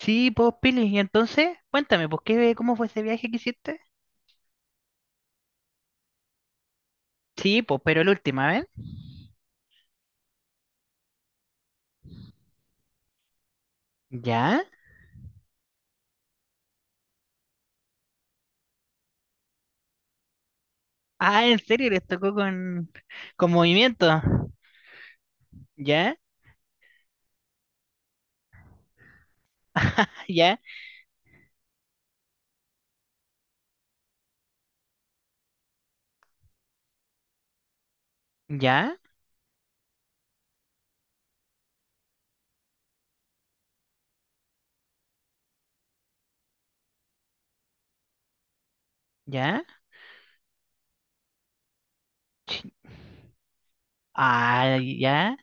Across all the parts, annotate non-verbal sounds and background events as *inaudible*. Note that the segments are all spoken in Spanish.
Sí, pues, Pili, y entonces, cuéntame, pues, ¿qué, cómo fue ese viaje que hiciste? Sí, pues, pero la última vez. ¿Ya? Ah, ¿en serio? ¿Les tocó con movimiento? ¿Ya? ¿Ya? ¿Ya? ¿Ya? Chi- Ah, ¿ya?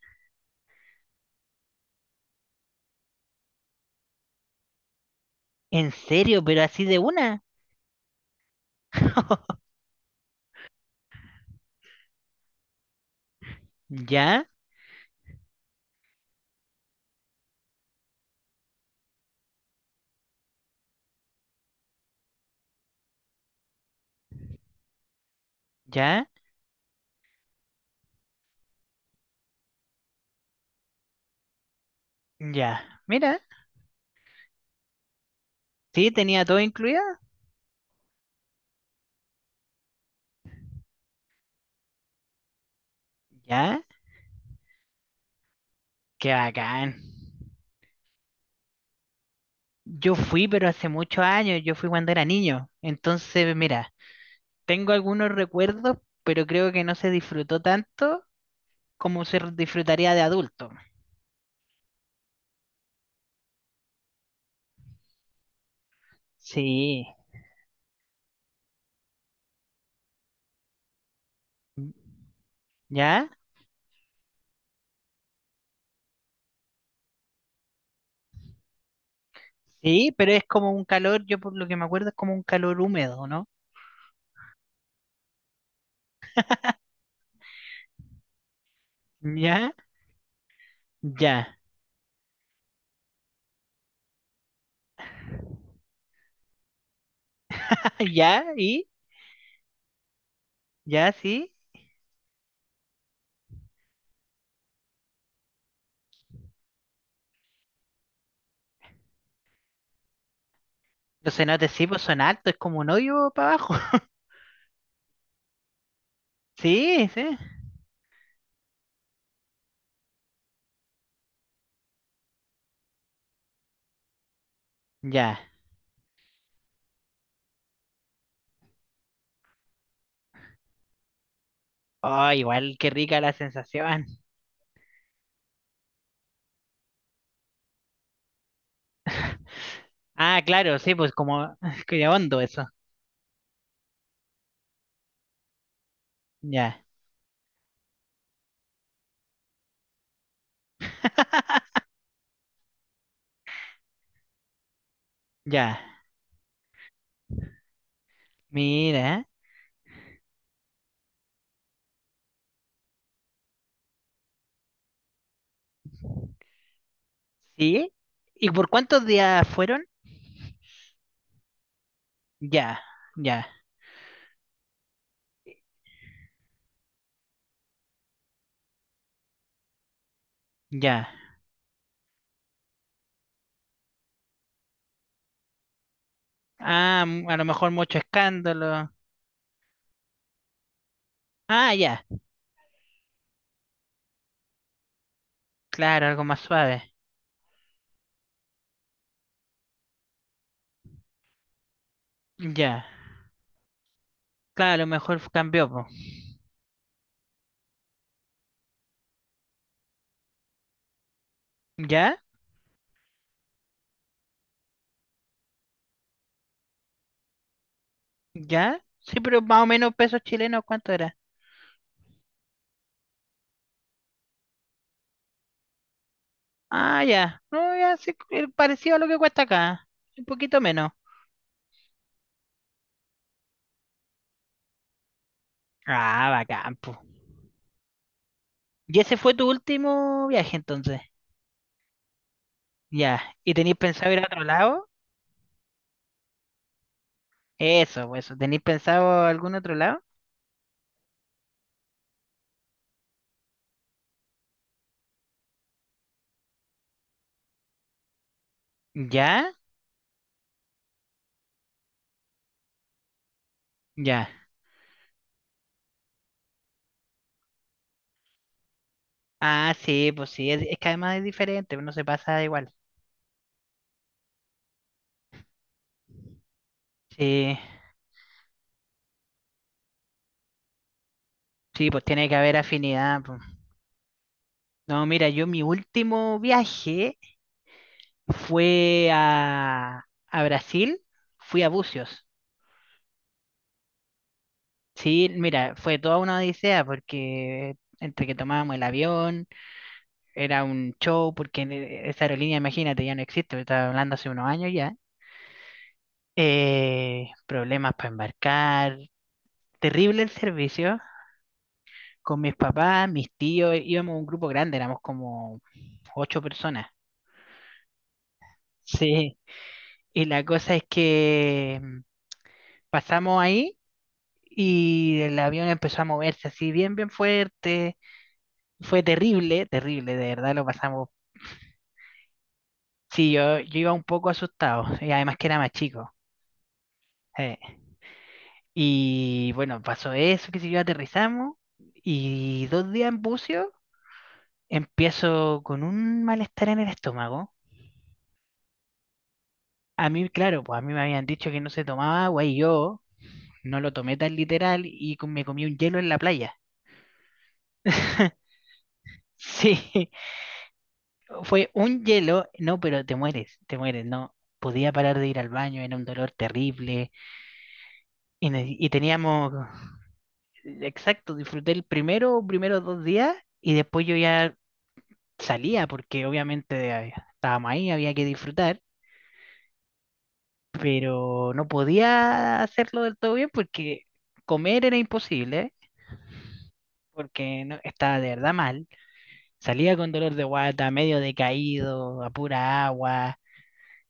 ¿En serio? ¿Pero así de una? *laughs* ¿Ya? ¿Ya? ¿Ya? Mira, sí, tenía todo incluido. ¿Ya? ¡Qué bacán! Yo fui, pero hace muchos años, yo fui cuando era niño. Entonces, mira, tengo algunos recuerdos, pero creo que no se disfrutó tanto como se disfrutaría de adulto. Sí, ¿ya? Sí, pero es como un calor, yo por lo que me acuerdo es como un calor húmedo, ¿no? ¿Ya? Ya. *laughs* ¿Ya? ¿Y? ¿Ya? ¿Sí? Los cenotes sí, pues son altos, es como un hoyo para abajo. *laughs* Sí, sí. Ya. Oh, igual, qué rica la sensación. Ah, claro, sí, pues como... *laughs* que hondo eso. Ya. *laughs* Ya, mira, ¿sí? ¿Y por cuántos días fueron? Ya, ya, ya. Ah, a lo mejor mucho escándalo. Ah, ya. Claro, algo más suave. Ya. Claro, a lo mejor cambió, po. ¿Ya? ¿Ya? Sí, pero más o menos pesos chilenos, ¿cuánto era? Ah, ya. No, ya, sí, parecido a lo que cuesta acá. Un poquito menos. Ah, bacán, po. ¿Y ese fue tu último viaje entonces? Ya. ¿Y tenéis pensado ir a otro lado? Eso, pues, eso. ¿Tenéis pensado algún otro lado? ¿Ya? Ya. Ah, sí, pues sí, es que además es diferente, no se pasa igual. Sí, sí, pues tiene que haber afinidad, pues. No, mira, yo mi último viaje fue a Brasil, fui a Bucios. Sí, mira, fue toda una odisea porque entre que tomábamos el avión, era un show, porque en esa aerolínea, imagínate, ya no existe, estaba hablando hace unos años ya. Problemas para embarcar, terrible el servicio. Con mis papás, mis tíos, íbamos un grupo grande, éramos como ocho personas. Sí. Y la cosa es que pasamos ahí y el avión empezó a moverse así bien, bien fuerte. Fue terrible, terrible, de verdad lo pasamos. Sí, yo iba un poco asustado y además que era más chico, eh. Y bueno, pasó eso, que si yo aterrizamos y dos días en buceo empiezo con un malestar en el estómago. A mí, claro, pues a mí me habían dicho que no se tomaba agua y yo no lo tomé tan literal y me comí un hielo en la playa. *laughs* Sí, fue un hielo, no, pero te mueres, no. Podía parar de ir al baño, era un dolor terrible y, y teníamos, exacto, disfruté el primero, primeros dos días y después yo ya salía porque obviamente estábamos ahí, había que disfrutar, pero no podía hacerlo del todo bien porque comer era imposible porque no, estaba de verdad mal. Salía con dolor de guata, medio decaído, a pura agua.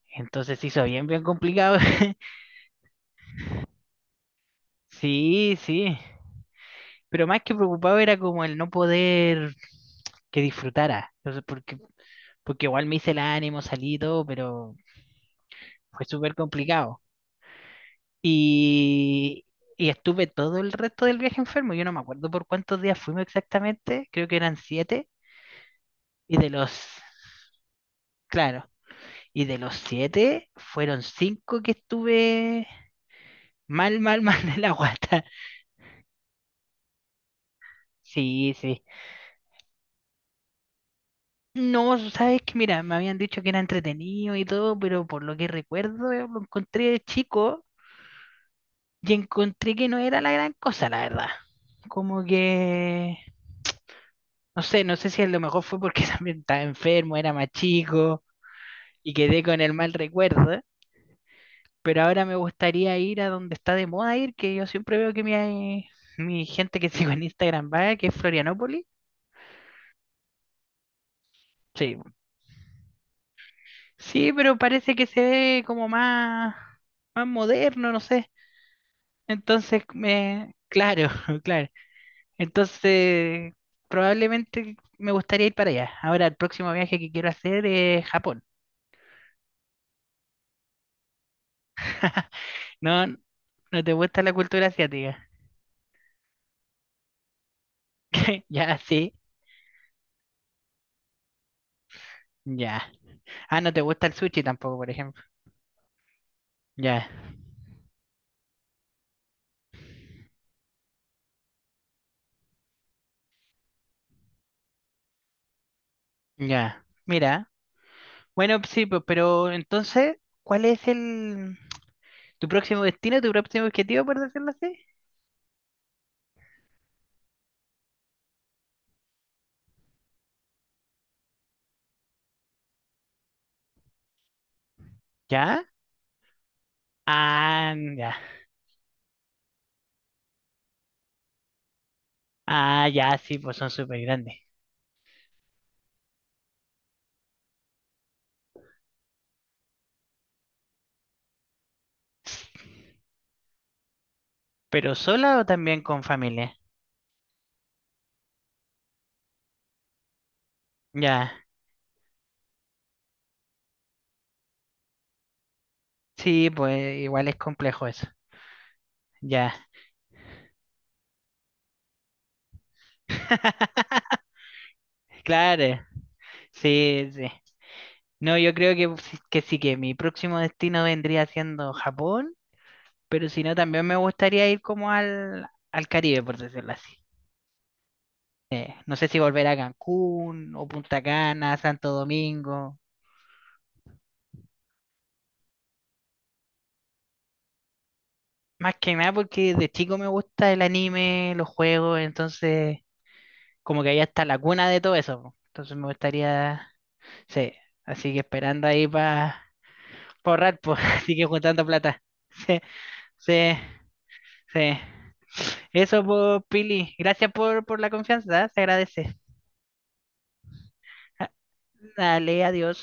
Entonces se hizo bien, bien complicado. *laughs* Sí, sí. Pero más que preocupado era como el no poder que disfrutara. Entonces, porque, porque igual me hice el ánimo, salí y todo, pero fue súper complicado. Y, y estuve todo el resto del viaje enfermo. Yo no me acuerdo por cuántos días fuimos exactamente. Creo que eran siete. Y de los, claro, y de los siete, fueron cinco que estuve mal, mal, *laughs* mal de la guata. Sí, sí. No, sabes que mira, me habían dicho que era entretenido y todo, pero por lo que recuerdo, lo encontré de chico y encontré que no era la gran cosa, la verdad. Como que, no sé, no sé si a lo mejor fue porque *laughs* también estaba enfermo, era más chico y quedé con el mal recuerdo, pero ahora me gustaría ir a donde está de moda ir, que yo siempre veo que mi, mi gente que *laughs* sigo en Instagram va, que es Florianópolis. Sí. Sí, pero parece que se ve como más, más moderno, no sé. Entonces, me, claro, *laughs* claro. Entonces, probablemente me gustaría ir para allá. Ahora, el próximo viaje que quiero hacer es Japón. No, no te gusta la cultura asiática. *laughs* Ya, sí, ya. Ah, no te gusta el sushi tampoco, por ejemplo. Ya, ya. Mira. Bueno, sí, pues, pero entonces, ¿cuál es el tu próximo destino, tu próximo objetivo, por decirlo así? ¿Ya? Ah, ya. Ah, ya, sí, pues son súper grandes. ¿Pero sola o también con familia? Ya. Sí, pues igual es complejo eso. Ya. *laughs* Claro. Sí, sí. No, yo creo que, que sí, que mi próximo destino vendría siendo Japón, pero si no, también me gustaría ir como al, al Caribe, por decirlo así. No sé si volver a Cancún o Punta Cana, Santo Domingo. Más que nada porque de chico me gusta el anime, los juegos, entonces como que ahí está la cuna de todo eso, po. Entonces me gustaría, sí, así que esperando ahí para ahorrar, pues, *laughs* así que juntando plata. Sí, sí, sí. Eso, pues, Pili. Gracias por la confianza, ¿eh? Se agradece. Ah, dale, adiós.